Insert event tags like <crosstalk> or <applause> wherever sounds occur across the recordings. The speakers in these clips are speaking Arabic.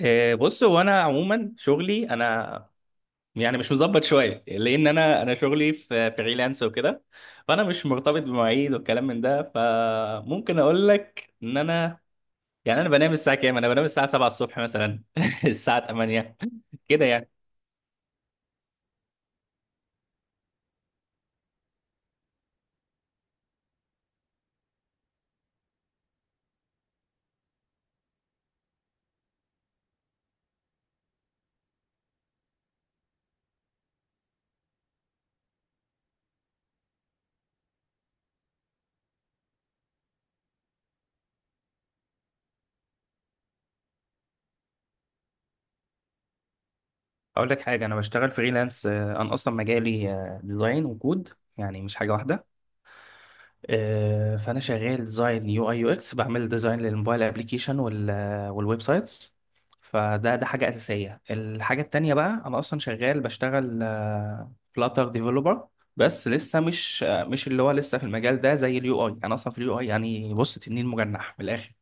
بص، هو انا عموما شغلي، انا يعني مش مظبط شويه، لان انا شغلي في فريلانس وكده. فانا مش مرتبط بمواعيد والكلام من ده، فممكن اقول لك ان انا يعني انا بنام الساعه كام؟ انا بنام الساعه 7 الصبح مثلا <laughs> الساعه 8 كده يعني. اقول لك حاجه، انا بشتغل فريلانس. انا اصلا مجالي ديزاين وكود، يعني مش حاجه واحده. فانا شغال ديزاين يو اي يو اكس، بعمل ديزاين للموبايل ابلكيشن والويب سايتس. فده حاجه اساسيه. الحاجه التانية بقى، انا اصلا شغال، بشتغل فلاتر ديفلوبر، بس لسه مش مش اللي هو، لسه في المجال ده. زي اليو اي، انا اصلا في اليو اي يعني، بص، تنين مجنح من الاخر.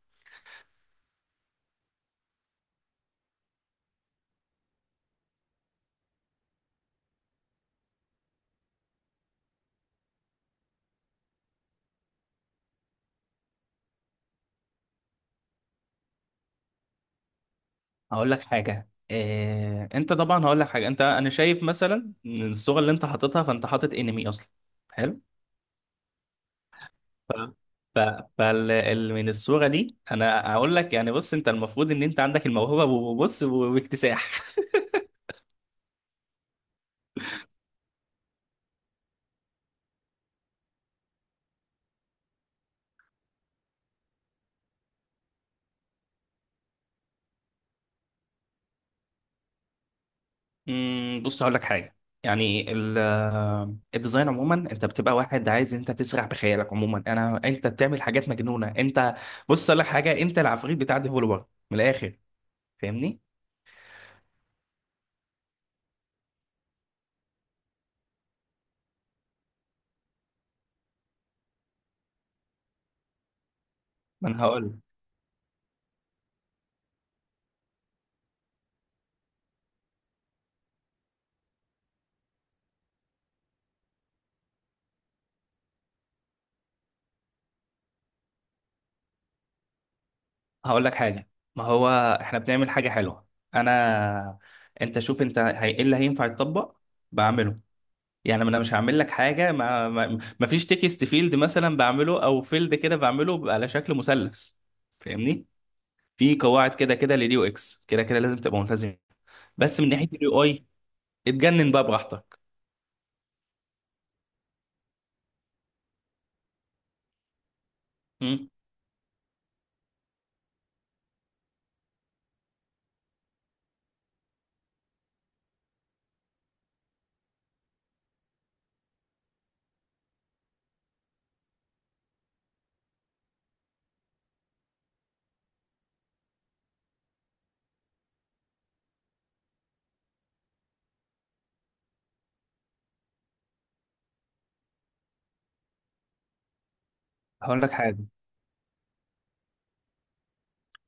هقول لك حاجه انت طبعا، هقول لك حاجه، انت انا شايف مثلا إن الصوره اللي انت حاططها، فانت حاطط انمي اصلا. حلو. ف... ف... من الصورة دي انا هقول لك، يعني بص، انت المفروض ان انت عندك الموهبة، وبص، واكتساح. بص، هقول لك حاجة. يعني ال... آه، الديزاين عموما انت بتبقى واحد عايز انت تسرح بخيالك عموما. انا، انت بتعمل حاجات مجنونة انت. بص اقول لك حاجة، انت العفريت بتاع ديفولبر من الاخر. فاهمني؟ ما انا هقول هقول لك حاجة. ما هو احنا بنعمل حاجة حلوة. انا، انت شوف انت ايه اللي هينفع يتطبق بعمله. يعني انا مش هعمل لك حاجه ما فيش تكست فيلد مثلا بعمله، او فيلد كده بعمله بيبقى على شكل مثلث. فاهمني؟ في قواعد كده كده لليو اكس، كده كده لازم تبقى ملتزم. بس من ناحيه اليو اي، اتجنن بقى براحتك. مم. هقول لك حاجه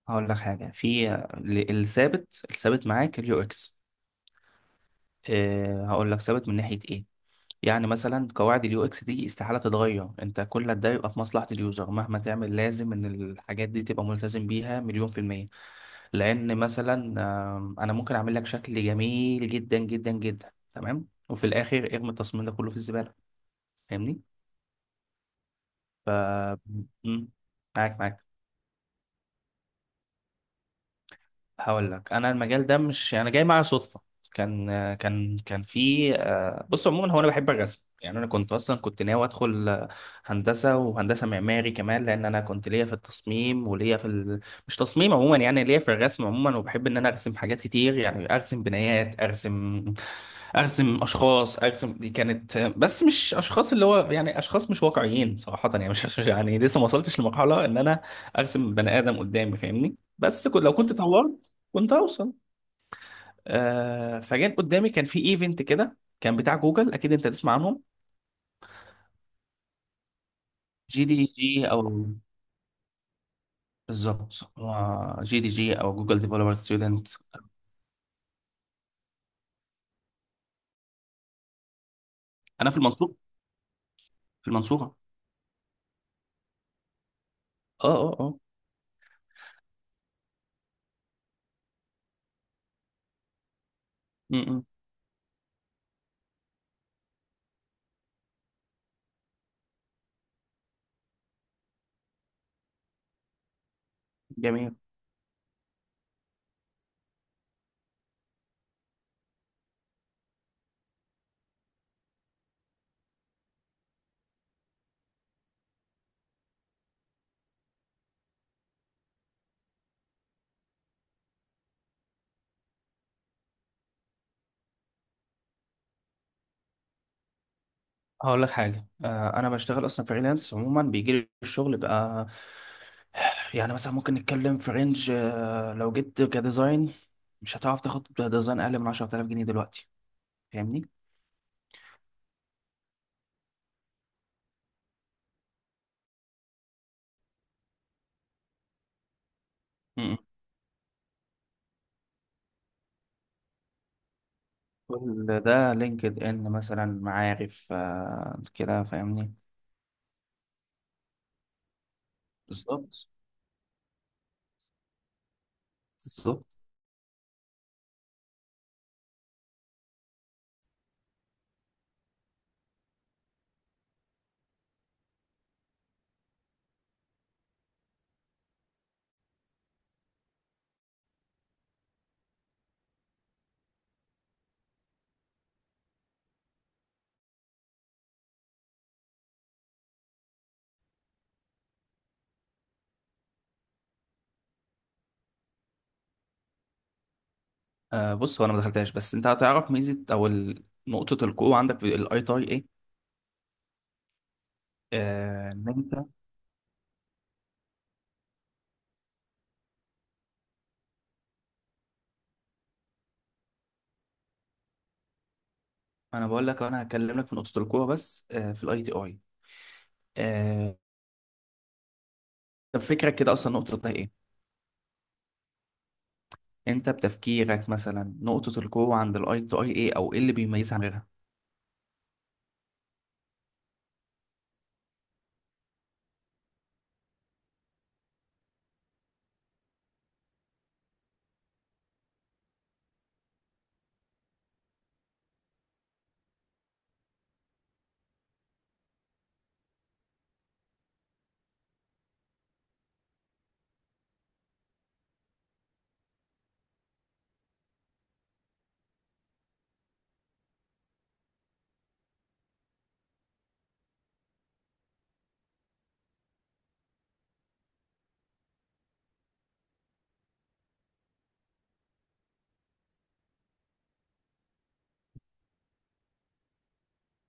هقول لك حاجه، في الثابت، معاك اليو اكس. أه، هقول لك ثابت من ناحيه ايه. يعني مثلا قواعد اليو اكس دي استحاله تتغير، انت كل ده يبقى في مصلحه اليوزر. مهما تعمل لازم ان الحاجات دي تبقى ملتزم بيها 100%. لان مثلا انا ممكن اعمل لك شكل جميل جدا جدا جدا تمام، وفي الاخر ارمي التصميم ده كله في الزباله. فاهمني؟ ف مم، معاك، معاك. هقول لك، انا المجال ده مش يعني، انا جاي معايا صدفه. كان كان في، بص عموما، هو انا بحب الرسم، يعني انا كنت اصلا كنت ناوي ادخل هندسه، وهندسه معماري كمان، لان انا كنت ليا في التصميم وليا في مش تصميم عموما يعني، ليا في الرسم عموما. وبحب ان انا ارسم حاجات كتير، يعني ارسم بنايات، ارسم اشخاص، ارسم. دي كانت، بس مش اشخاص، اللي هو يعني اشخاص مش واقعيين، صراحه، يعني مش <laughs> يعني لسه ما وصلتش لمرحله ان انا ارسم بني ادم قدامي. فاهمني؟ لو كنت طورت كنت هوصل. آه، فجأة قدامي كان في ايفنت كده كان بتاع جوجل، اكيد انت تسمع عنهم، جي دي جي او. بالظبط، هو جي دي جي او، جوجل ديفلوبر ستودنت. انا في المنصورة، في المنصورة. اه. اه، اه. م- م. جميل. هقول لك حاجة، آه، انا بشتغل اصلا فريلانس عموما، بيجي لي الشغل بقى. يعني مثلا ممكن نتكلم في رينج، آه، لو جيت كديزاين، مش هتعرف تاخد ديزاين اقل من 10,000 جنيه دلوقتي. فاهمني؟ كل ده لينكد ان مثلا، معارف، آه كده. فاهمني؟ بالظبط. بالظبط. بص، هو انا ما دخلتهاش، بس انت هتعرف ميزه او نقطه القوه عندك في الاي تي ايه. ان انت... انا بقول لك، انا هكلمك في نقطه القوه بس في الاي تي اي. آه، طب فكرك كده اصلا نقطه القوه ايه؟ انت بتفكيرك مثلا نقطه القوه عند الاي تي اي ايه، او ايه اللي بيميزها عن غيرها؟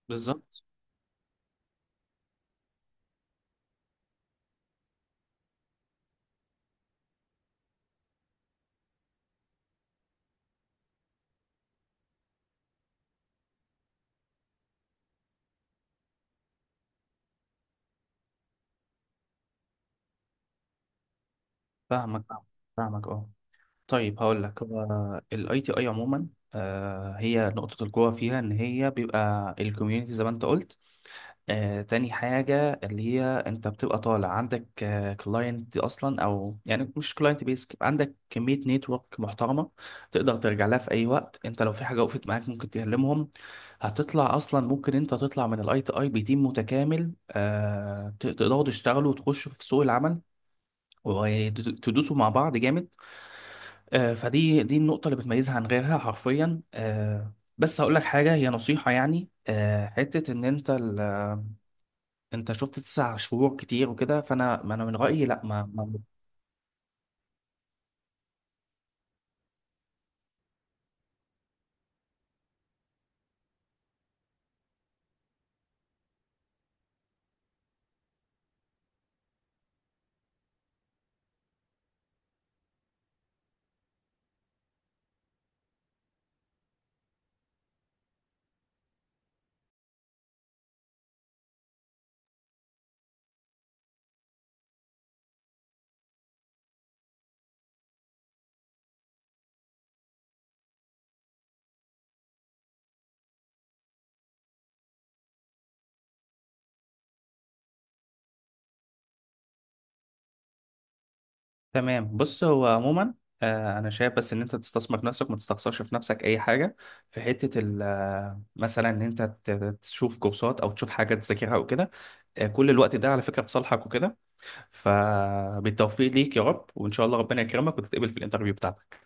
بالظبط. فاهمك. فاهمك، اه. طيب هقول لك، هو الاي تي اي عموما هي نقطة القوة فيها ان هي بيبقى الكوميونتي زي ما انت قلت. تاني حاجة، اللي هي انت بتبقى طالع عندك كلاينت اصلا، او يعني مش كلاينت بيس، عندك كمية نتورك محترمة تقدر ترجع لها في اي وقت انت لو في حاجة وقفت معاك ممكن تكلمهم. هتطلع اصلا، ممكن انت تطلع من الاي تي اي بتيم متكامل، تقدروا تشتغلوا وتخشوا في سوق العمل، وتدوسوا مع بعض جامد. فدي النقطة اللي بتميزها عن غيرها حرفيا. بس هقول لك حاجة، هي نصيحة يعني، حتة إن أنت أنت شفت 9 شهور كتير وكده، فأنا، ما أنا من رأيي لأ، ما... ما... تمام. بص، هو عموما أنا شايف بس إن أنت تستثمر في نفسك، ما تستخسرش في نفسك أي حاجة، في حتة ال... آه، مثلا إن أنت تشوف كورسات أو تشوف حاجة تذاكرها أو كده. كل الوقت ده على فكرة في صالحك وكده. فبالتوفيق ليك يا رب، وإن شاء الله ربنا يكرمك وتتقبل في الانترفيو بتاعك.